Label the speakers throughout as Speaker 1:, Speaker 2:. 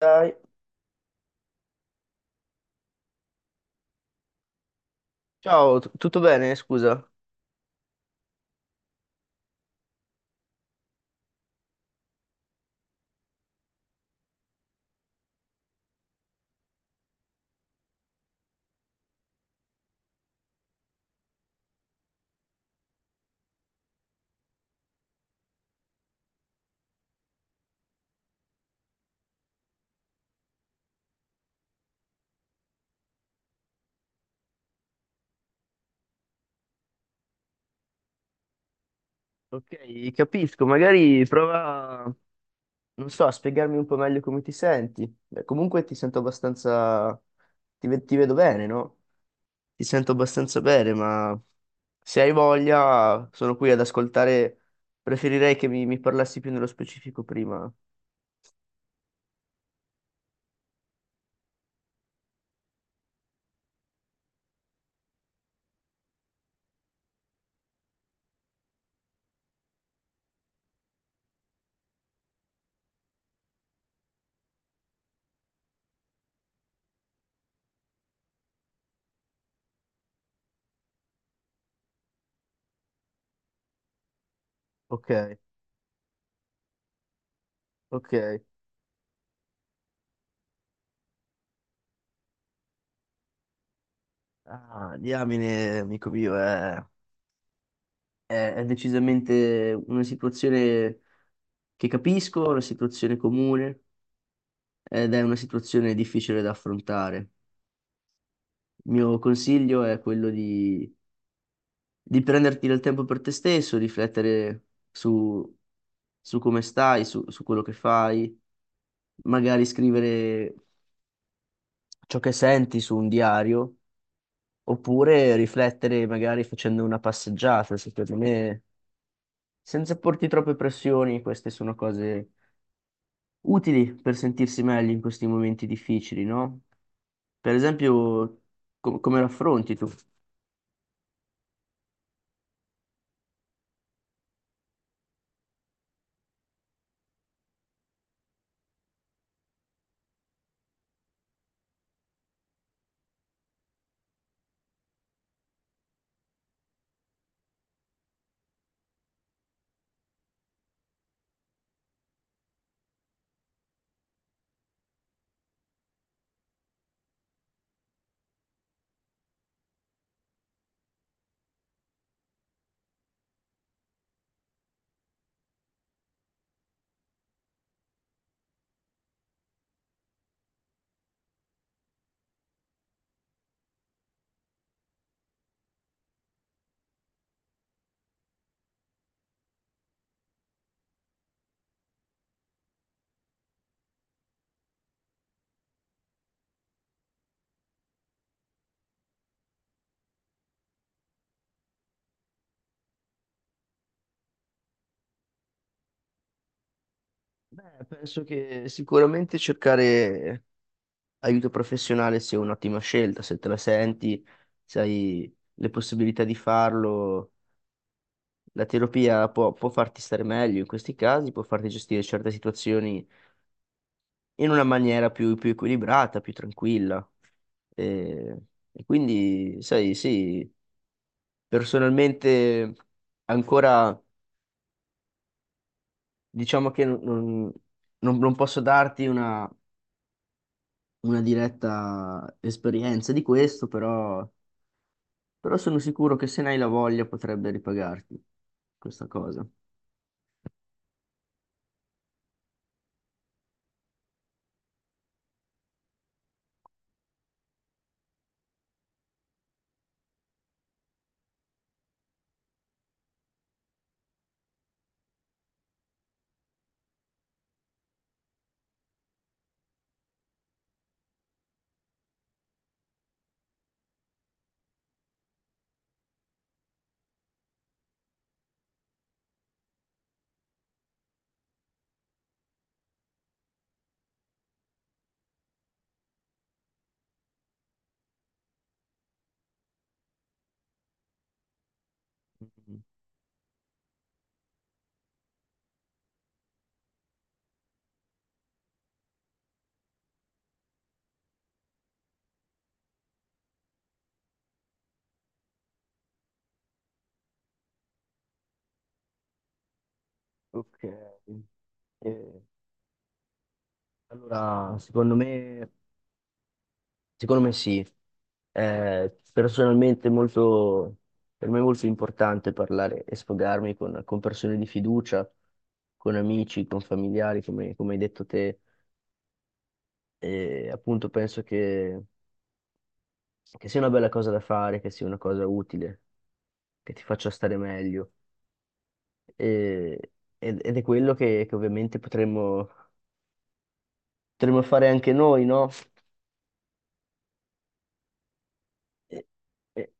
Speaker 1: Dai. Ciao, tutto bene? Scusa. Ok, capisco, magari prova, non so, a spiegarmi un po' meglio come ti senti. Beh, comunque ti sento abbastanza, ti vedo bene, no? Ti sento abbastanza bene, ma se hai voglia, sono qui ad ascoltare, preferirei che mi parlassi più nello specifico prima. Ok, ok. Ah, diamine, amico mio, è decisamente una situazione che capisco, una situazione comune. Ed è una situazione difficile da affrontare. Il mio consiglio è quello di prenderti del tempo per te stesso, riflettere su, su come stai, su quello che fai, magari scrivere ciò che senti su un diario, oppure riflettere magari facendo una passeggiata, secondo me, senza porti troppe pressioni, queste sono cose utili per sentirsi meglio in questi momenti difficili, no? Per esempio, come raffronti tu? Beh, penso che sicuramente cercare aiuto professionale sia un'ottima scelta, se te la senti, se hai le possibilità di farlo, la terapia può farti stare meglio in questi casi, può farti gestire certe situazioni in una maniera più equilibrata, più tranquilla. E, e quindi, sai, sì, personalmente ancora diciamo che non posso darti una diretta esperienza di questo, però sono sicuro che se ne hai la voglia potrebbe ripagarti questa cosa. Ok. Eh, allora secondo me sì, è personalmente molto, per me è molto importante parlare e sfogarmi con persone di fiducia, con amici, con familiari, come, come hai detto te, e appunto penso che sia una bella cosa da fare, che sia una cosa utile, che ti faccia stare meglio. E- ed è quello che ovviamente potremmo, potremmo fare anche noi, no? E- e-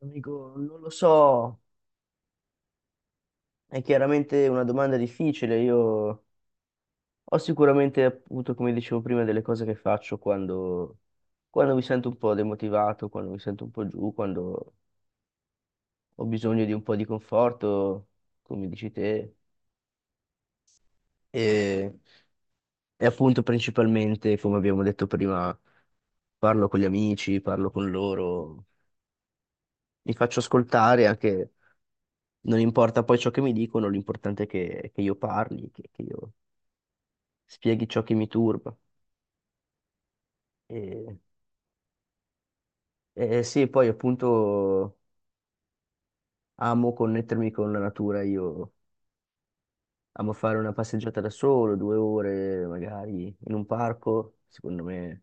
Speaker 1: dico, non lo so, è chiaramente una domanda difficile. Io ho sicuramente, appunto, come dicevo prima, delle cose che faccio quando, quando mi sento un po' demotivato, quando mi sento un po' giù, quando ho bisogno di un po' di conforto, come dici te. E appunto principalmente, come abbiamo detto prima, parlo con gli amici, parlo con loro, mi faccio ascoltare anche, non importa poi ciò che mi dicono, l'importante è che io parli, che io spieghi ciò che mi turba. E, e sì, poi appunto amo connettermi con la natura, io amo fare una passeggiata da solo, 2 ore magari in un parco, secondo me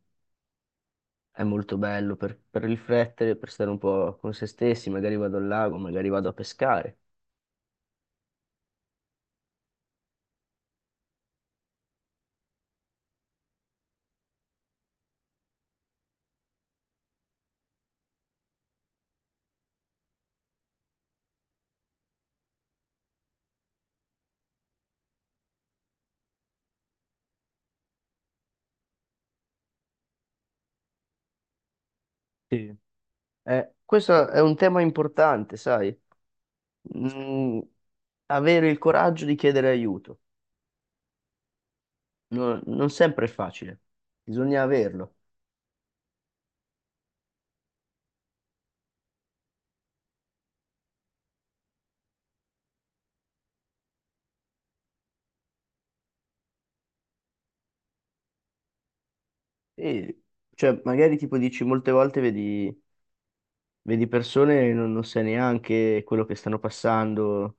Speaker 1: è molto bello per riflettere, per stare un po' con se stessi, magari vado al lago, magari vado a pescare. Sì. Questo è un tema importante, sai? Mm, avere il coraggio di chiedere aiuto. Non sempre è facile, bisogna averlo. E, cioè, magari tipo dici molte volte vedi, vedi persone e non sai neanche quello che stanno passando.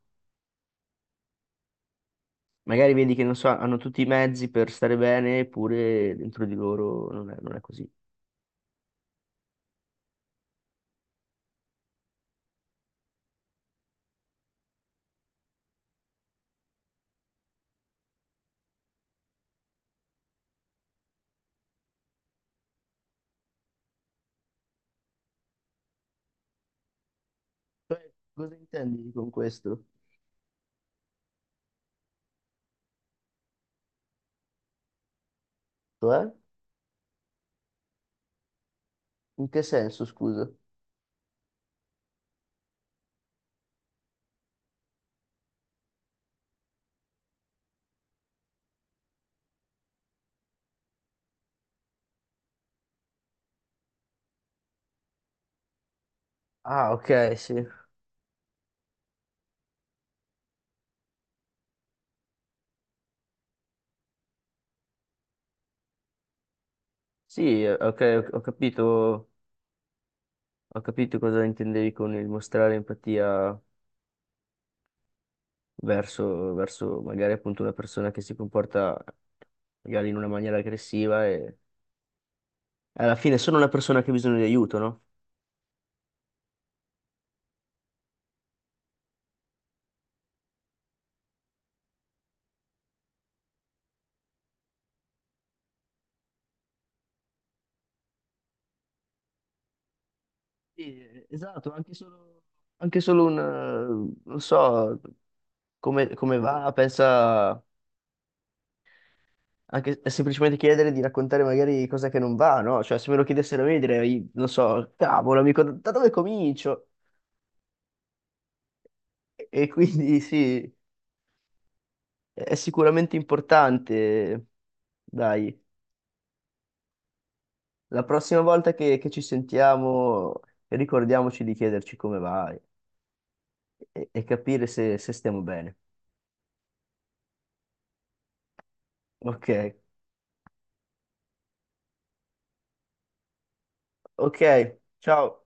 Speaker 1: Magari vedi che non so, hanno tutti i mezzi per stare bene, eppure dentro di loro non è così. Cioè, cosa intendi con questo? Cioè? In che senso, scusa? Ah, ok, sì. Sì, ok, ho capito. Ho capito cosa intendevi con il mostrare empatia verso, verso magari appunto una persona che si comporta magari in una maniera aggressiva e alla fine è solo una persona che ha bisogno di aiuto, no? Sì, esatto, anche solo un, non so, come, come va, pensa, anche semplicemente chiedere di raccontare magari cosa che non va, no? Cioè, se me lo chiedessero a me direi, non so, cavolo, amico, da dove comincio? E quindi sì. È sicuramente importante. Dai, la prossima volta che ci sentiamo, ricordiamoci di chiederci come vai e capire se stiamo bene. Ok, ok, ciao.